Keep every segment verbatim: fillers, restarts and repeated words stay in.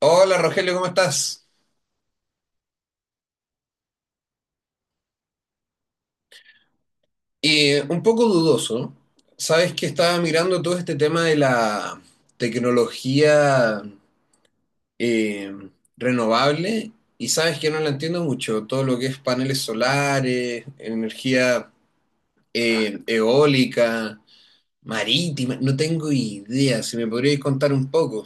Hola Rogelio, ¿cómo estás? Eh, un poco dudoso. Sabes que estaba mirando todo este tema de la tecnología eh, renovable, y sabes que no la entiendo mucho. Todo lo que es paneles solares, energía eh, eólica, marítima, no tengo idea. Si me podrías contar un poco.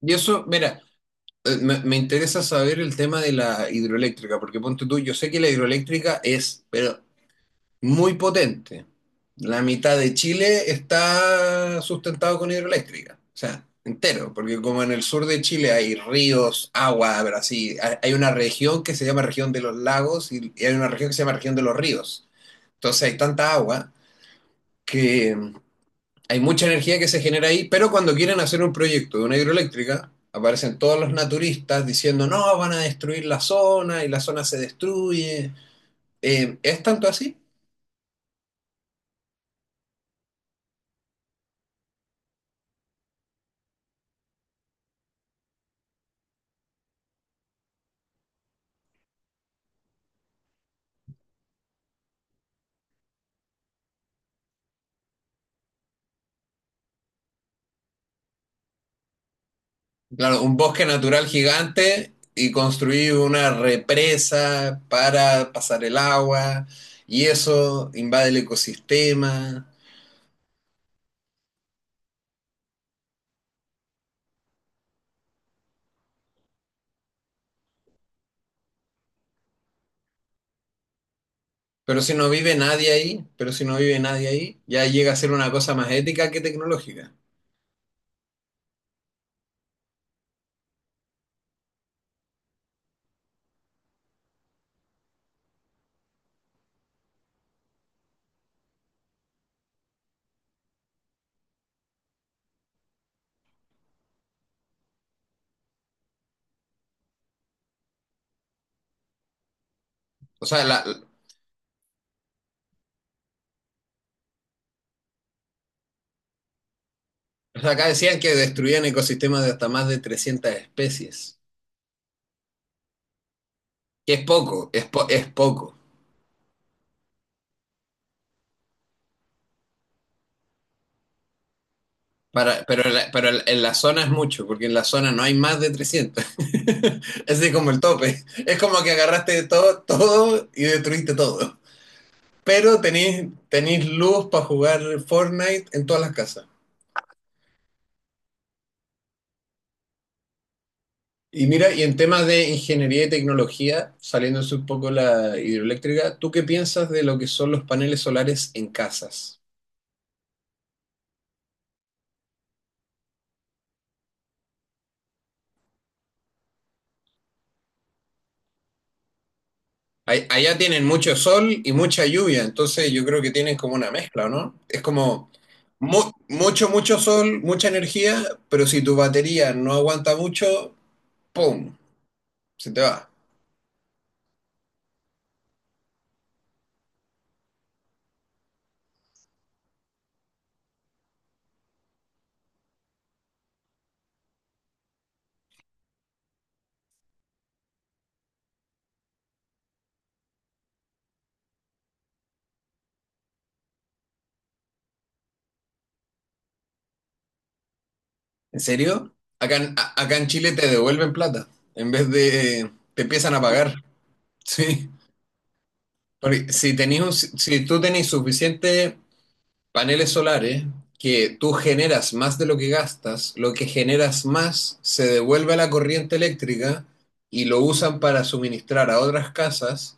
Y eso, mira, eh, me, me interesa saber el tema de la hidroeléctrica, porque ponte tú, yo sé que la hidroeléctrica es, pero muy potente. La mitad de Chile está sustentado con hidroeléctrica, o sea, entero, porque como en el sur de Chile hay ríos, agua, pero así, hay hay una región que se llama región de los lagos, y y hay una región que se llama región de los ríos. Entonces hay tanta agua que hay mucha energía que se genera ahí, pero cuando quieren hacer un proyecto de una hidroeléctrica, aparecen todos los naturistas diciendo, no, van a destruir la zona y la zona se destruye. Eh, ¿es tanto así? Claro, un bosque natural gigante y construir una represa para pasar el agua, y eso invade el ecosistema. Pero si no vive nadie ahí, pero si no vive nadie ahí, ya llega a ser una cosa más ética que tecnológica. O sea, la- o sea, acá decían que destruían ecosistemas de hasta más de trescientas especies, que es poco, es, po- es poco. Para, pero la- pero la- En la zona es mucho, porque en la zona no hay más de trescientos. Es así como el tope. Es como que agarraste todo, todo, y destruiste todo. Pero tenéis, tenéis luz para jugar Fortnite en todas las casas. Y mira, y en temas de ingeniería y tecnología, saliéndose un poco la hidroeléctrica, ¿tú qué piensas de lo que son los paneles solares en casas? Allá tienen mucho sol y mucha lluvia, entonces yo creo que tienen como una mezcla, ¿no? Es como mu- mucho, mucho sol, mucha energía, pero si tu batería no aguanta mucho, ¡pum! Se te va. ¿En serio? Acá, en- a- acá en Chile te devuelven plata, en vez de te empiezan a pagar. Sí. Porque si tenés un- si tú tenés suficiente paneles solares, que tú generas más de lo que gastas, lo que generas más se devuelve a la corriente eléctrica y lo usan para suministrar a otras casas,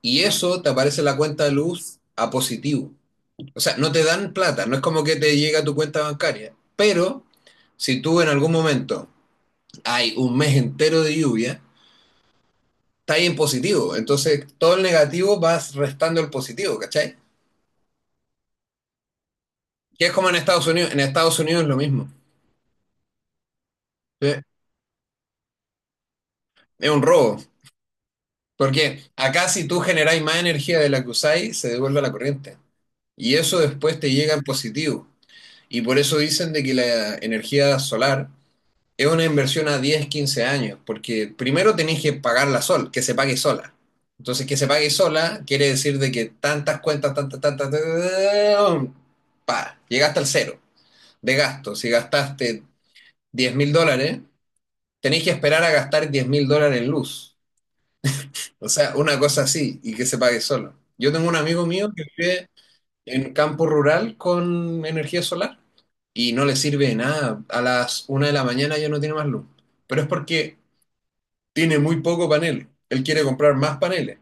y eso te aparece en la cuenta de luz a positivo. O sea, no te dan plata, no es como que te llega a tu cuenta bancaria, pero si tú en algún momento hay un mes entero de lluvia, está ahí en positivo, entonces todo el negativo vas restando el positivo, ¿cachai? Que es como en Estados Unidos, en Estados Unidos es lo mismo, ¿sí? Es un robo. Porque acá si tú generáis más energía de la que usáis, se devuelve a la corriente. Y eso después te llega en positivo. Y por eso dicen de que la energía solar es una inversión a diez, quince años. Porque primero tenéis que pagarla sol, que se pague sola. Entonces, que se pague sola quiere decir de que tantas cuentas, tantas, tantas, tan, pa, llegaste al cero de gasto. Si gastaste diez mil dólares, tenéis que esperar a gastar diez mil dólares en luz. O sea, una cosa así y que se pague solo. Yo tengo un amigo mío que vive en campo rural con energía solar y no le sirve de nada. A las una de la mañana ya no tiene más luz. Pero es porque tiene muy poco paneles. Él quiere comprar más paneles.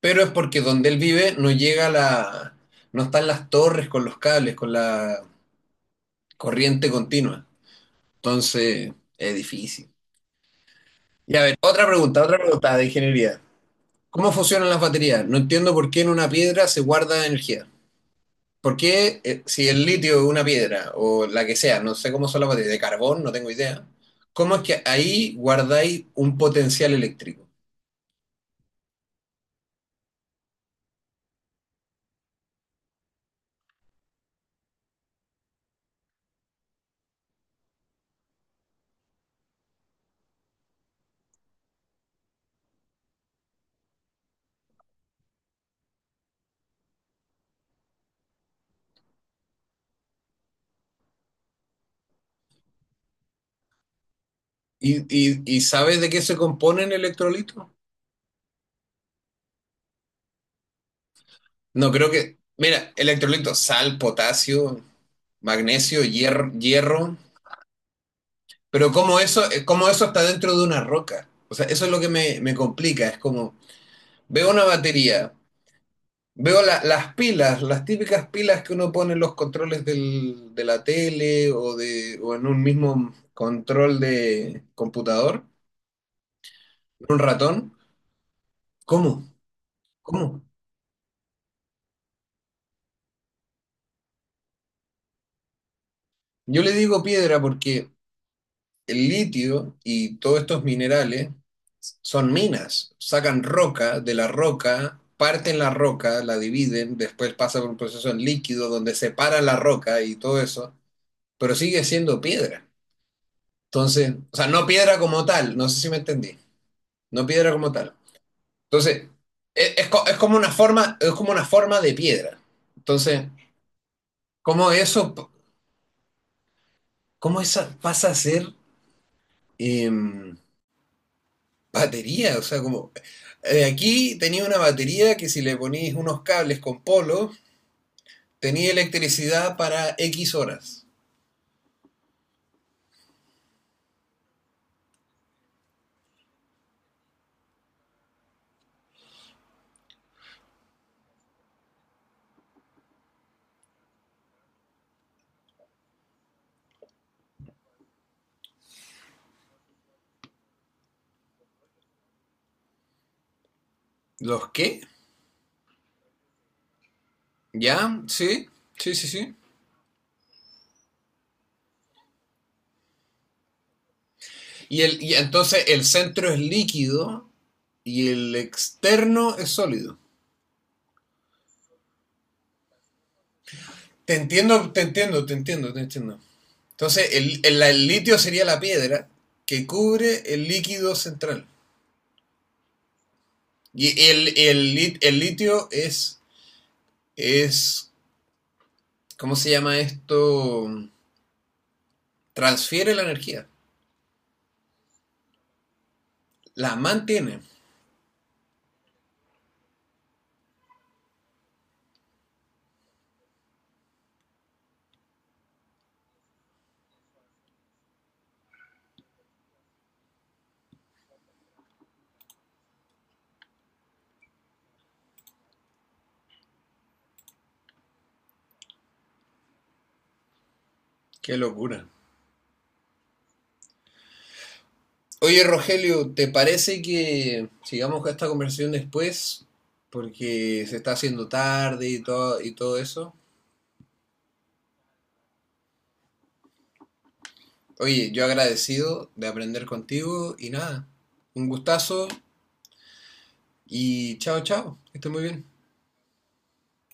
Pero es porque donde él vive no llega la... no están las torres con los cables, con la corriente continua. Entonces, es difícil. Y a ver, otra pregunta, otra pregunta, de ingeniería. ¿Cómo funcionan las baterías? No entiendo por qué en una piedra se guarda energía. ¿Por qué eh, si el litio es una piedra o la que sea, no sé cómo son las baterías, de carbón, no tengo idea, cómo es que ahí guardáis un potencial eléctrico? ¿Y, y, y sabes de qué se compone el electrolito? No creo que... Mira, electrolito, sal, potasio, magnesio, hier- hierro, pero cómo eso, eh, cómo eso está dentro de una roca. O sea, eso es lo que me, me complica, es como veo una batería. Veo la- las pilas, las típicas pilas que uno pone en los controles del- de la tele, o, de, o en un mismo control de computador, un ratón. ¿Cómo? ¿Cómo? Yo le digo piedra porque el litio y todos estos minerales son minas. Sacan roca de la roca, parten la roca, la dividen, después pasa por un proceso en líquido donde separa la roca y todo eso, pero sigue siendo piedra. Entonces, o sea, no piedra como tal, no sé si me entendí. No piedra como tal. Entonces, es, es co- es como una forma, es como una forma de piedra. Entonces, ¿cómo eso, cómo esa pasa a ser em, batería? O sea, como eh, aquí tenía una batería que si le ponís unos cables con polo, tenía electricidad para X horas. ¿Los qué? ¿Ya? Sí, sí, sí, sí. Y, el, y entonces el centro es líquido y el externo es sólido. Te entiendo, te entiendo, te entiendo, te entiendo. Entonces, el, el- el litio sería la piedra que cubre el líquido central. Y el, el lit- el litio es, es, ¿cómo se llama esto? Transfiere la energía, la mantiene. Qué locura. Oye, Rogelio, ¿te parece que sigamos con esta conversación después? Porque se está haciendo tarde y todo, y todo eso. Oye, yo agradecido de aprender contigo y nada, un gustazo, y chao, chao, que estés muy bien.